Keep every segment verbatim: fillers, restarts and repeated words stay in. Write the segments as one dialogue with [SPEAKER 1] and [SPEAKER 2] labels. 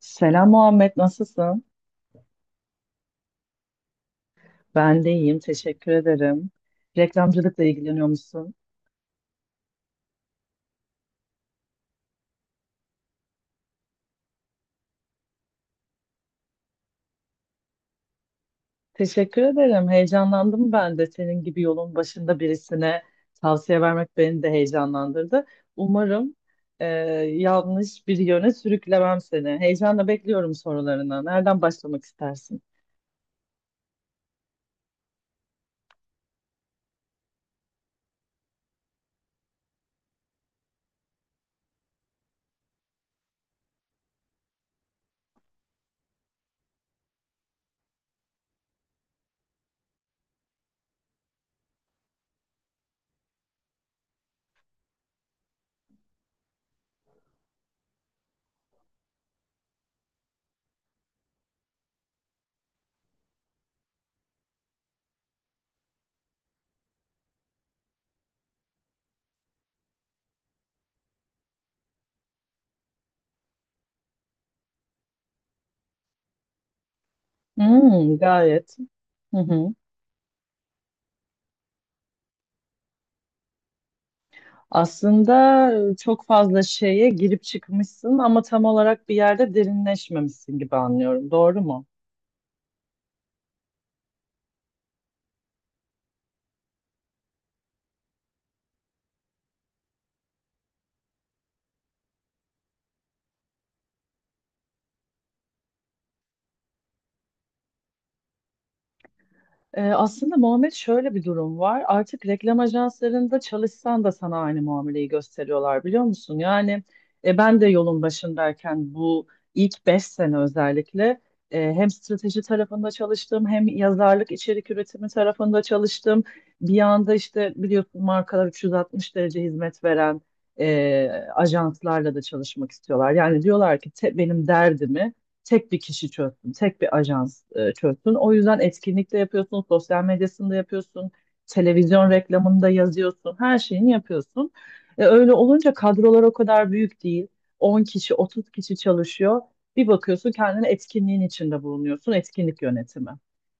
[SPEAKER 1] Selam Muhammed, nasılsın? Ben de iyiyim, teşekkür ederim. Reklamcılıkla ilgileniyor musun? Teşekkür ederim, heyecanlandım ben de. Senin gibi yolun başında birisine tavsiye vermek beni de heyecanlandırdı. Umarım e, yanlış bir yöne sürüklemem seni. Heyecanla bekliyorum sorularına. Nereden başlamak istersin? Hmm, gayet. Hı hı. Aslında e, çok fazla şeye girip çıkmışsın ama tam olarak bir yerde derinleşmemişsin gibi anlıyorum. Doğru mu? Ee, aslında Muhammed şöyle bir durum var. Artık reklam ajanslarında çalışsan da sana aynı muameleyi gösteriyorlar biliyor musun? Yani e, ben de yolun başındayken bu ilk beş sene özellikle e, hem strateji tarafında çalıştım hem yazarlık içerik üretimi tarafında çalıştım. Bir anda işte biliyorsun markalar üç yüz altmış derece hizmet veren e, ajanslarla da çalışmak istiyorlar. Yani diyorlar ki te- benim derdimi tek bir kişi çözsün, tek bir ajans e, çözsün. O yüzden etkinlikte yapıyorsun, sosyal medyasında yapıyorsun, televizyon reklamında yazıyorsun, her şeyini yapıyorsun. E, öyle olunca kadrolar o kadar büyük değil. On kişi, otuz kişi çalışıyor. Bir bakıyorsun kendini etkinliğin içinde bulunuyorsun, etkinlik yönetimi.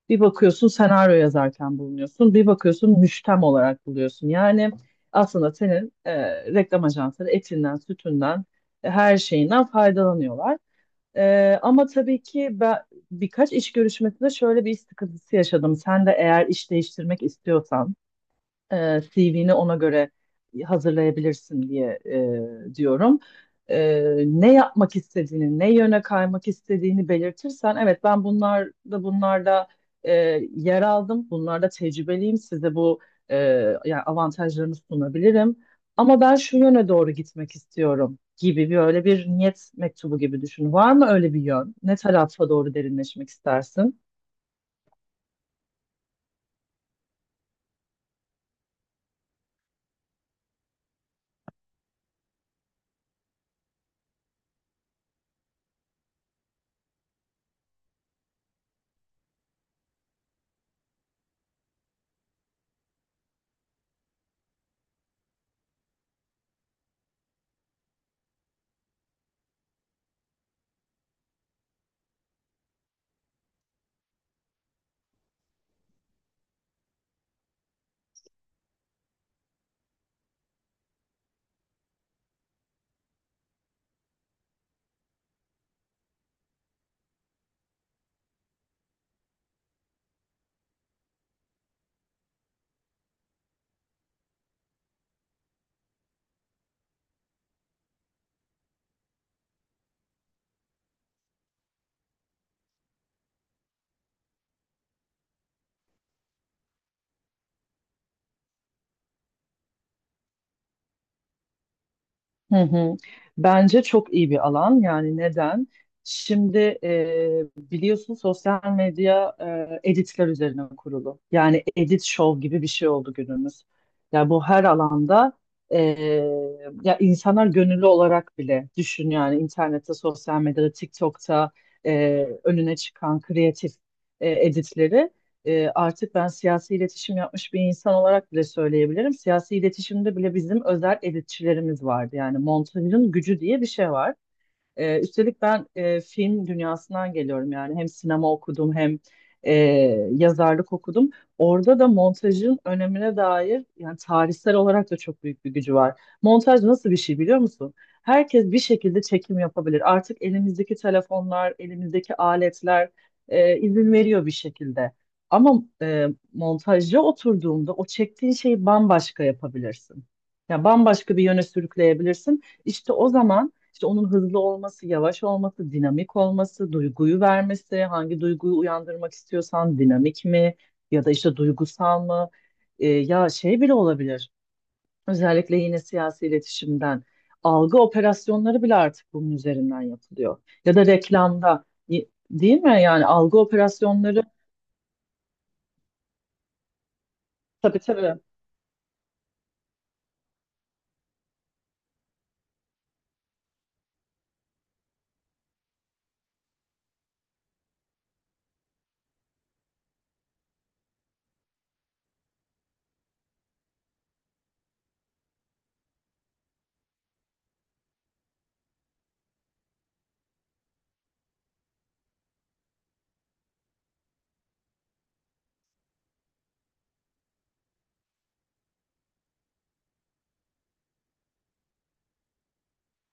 [SPEAKER 1] Bir bakıyorsun senaryo yazarken bulunuyorsun, bir bakıyorsun müştem olarak buluyorsun. Yani aslında senin e, reklam ajansları etinden, sütünden, e, her şeyinden faydalanıyorlar. Ee, ama tabii ki ben birkaç iş görüşmesinde şöyle bir iş sıkıntısı yaşadım. Sen de eğer iş değiştirmek istiyorsan e, C V'ni ona göre hazırlayabilirsin diye e, diyorum. E, Ne yapmak istediğini, ne yöne kaymak istediğini belirtirsen, evet ben bunlarda bunlarda e, yer aldım, bunlarda tecrübeliyim, size bu e, yani avantajlarını sunabilirim. Ama ben şu yöne doğru gitmek istiyorum gibi bir öyle bir niyet mektubu gibi düşün. Var mı öyle bir yön? Ne tarafa doğru derinleşmek istersin? Hı hı. Bence çok iyi bir alan. Yani neden? Şimdi e, biliyorsun sosyal medya e, editler üzerine kurulu. Yani edit show gibi bir şey oldu günümüz. Ya bu her alanda e, ya insanlar gönüllü olarak bile düşün yani internette, sosyal medyada, TikTok'ta e, önüne çıkan kreatif e, editleri e, artık ben siyasi iletişim yapmış bir insan olarak bile söyleyebilirim. Siyasi iletişimde bile bizim özel editçilerimiz vardı. Yani montajın gücü diye bir şey var. Ee, üstelik ben e, film dünyasından geliyorum yani hem sinema okudum hem e, yazarlık okudum. Orada da montajın önemine dair yani tarihsel olarak da çok büyük bir gücü var. Montaj nasıl bir şey biliyor musun? Herkes bir şekilde çekim yapabilir. Artık elimizdeki telefonlar, elimizdeki aletler e, izin veriyor bir şekilde. Ama e, montajcı oturduğunda o çektiğin şeyi bambaşka yapabilirsin. Yani bambaşka bir yöne sürükleyebilirsin. İşte o zaman işte onun hızlı olması, yavaş olması, dinamik olması, duyguyu vermesi, hangi duyguyu uyandırmak istiyorsan dinamik mi ya da işte duygusal mı? Ee, ya şey bile olabilir. Özellikle yine siyasi iletişimden algı operasyonları bile artık bunun üzerinden yapılıyor. Ya da reklamda y- değil mi? Yani algı operasyonları tabii tabii.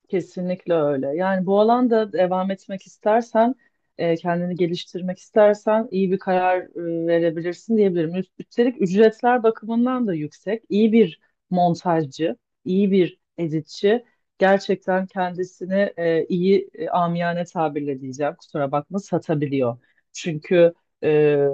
[SPEAKER 1] Kesinlikle öyle. Yani bu alanda devam etmek istersen, e, kendini geliştirmek istersen iyi bir karar e, verebilirsin diyebilirim. Üst- Üstelik ücretler bakımından da yüksek. İyi bir montajcı, iyi bir editçi gerçekten kendisini e, iyi e, amiyane tabirle diyeceğim. Kusura bakma satabiliyor. Çünkü e,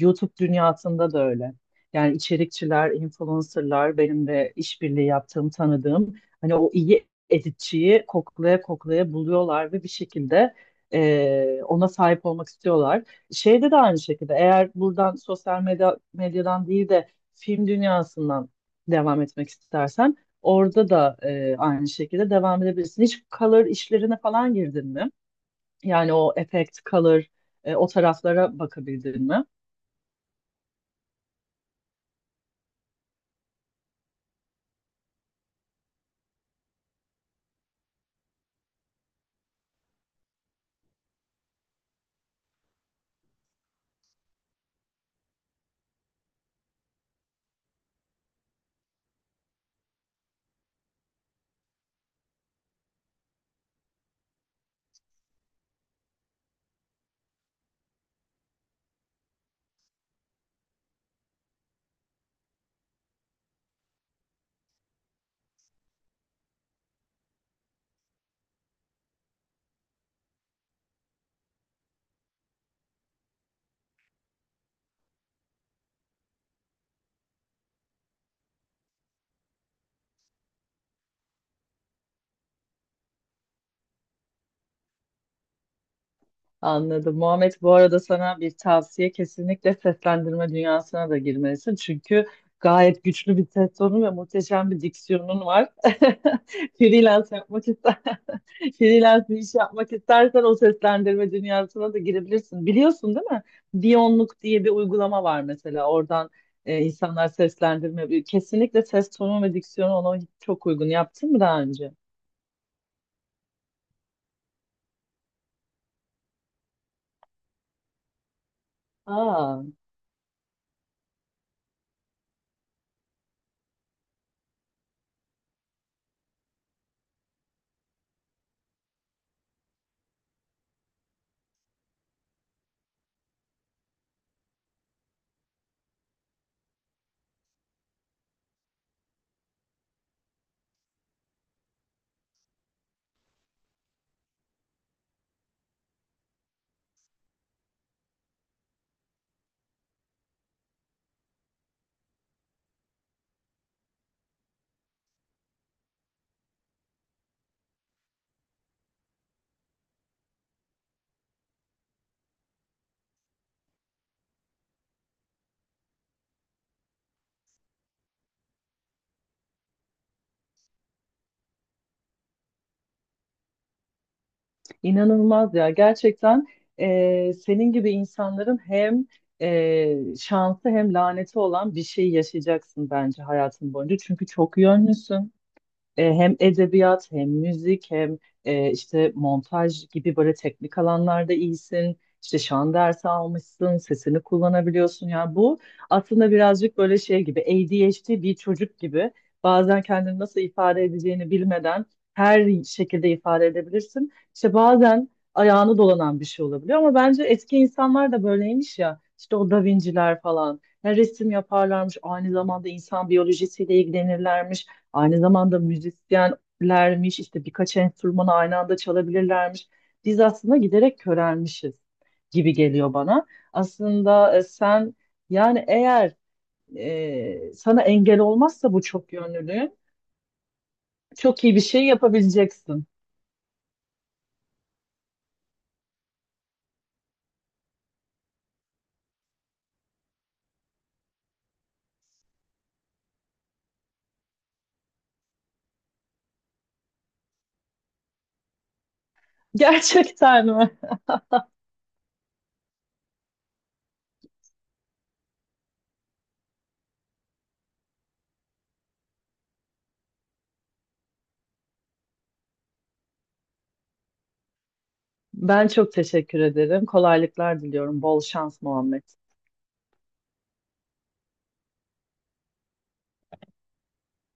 [SPEAKER 1] YouTube dünyasında da öyle. Yani içerikçiler, influencerlar, benim de işbirliği yaptığım, tanıdığım hani o iyi editçiyi koklaya koklaya buluyorlar ve bir şekilde e, ona sahip olmak istiyorlar. Şeyde de aynı şekilde eğer buradan sosyal medya, medyadan değil de film dünyasından devam etmek istersen orada da e, aynı şekilde devam edebilirsin. Hiç color işlerine falan girdin mi? Yani o efekt, color e, o taraflara bakabildin mi? Anladım. Muhammed bu arada sana bir tavsiye kesinlikle seslendirme dünyasına da girmelisin. Çünkü gayet güçlü bir ses tonu ve muhteşem bir diksiyonun var. Freelance yapmak ister, freelance bir iş yapmak istersen o seslendirme dünyasına da girebilirsin. Biliyorsun değil mi? Diyonluk diye bir uygulama var mesela. Oradan e, insanlar seslendirme. Kesinlikle ses tonu ve diksiyonu ona çok uygun. Yaptın mı daha önce? Aa. İnanılmaz ya gerçekten e, senin gibi insanların hem e, şansı hem laneti olan bir şey yaşayacaksın bence hayatın boyunca. Çünkü çok yönlüsün e, hem edebiyat hem müzik hem e, işte montaj gibi böyle teknik alanlarda iyisin. İşte şan dersi almışsın, sesini kullanabiliyorsun. Yani bu aslında birazcık böyle şey gibi A D H D bir çocuk gibi bazen kendini nasıl ifade edeceğini bilmeden her şekilde ifade edebilirsin. İşte bazen ayağını dolanan bir şey olabiliyor ama bence eski insanlar da böyleymiş ya. İşte o Da Vinci'ler falan. Ya resim yaparlarmış, aynı zamanda insan biyolojisiyle ilgilenirlermiş. Aynı zamanda müzisyenlermiş, işte birkaç enstrümanı aynı anda çalabilirlermiş. Biz aslında giderek körelmişiz gibi geliyor bana. Aslında e, sen yani eğer e, sana engel olmazsa bu çok yönlülüğün çok iyi bir şey yapabileceksin. Gerçekten mi? Ben çok teşekkür ederim. Kolaylıklar diliyorum. Bol şans Muhammed.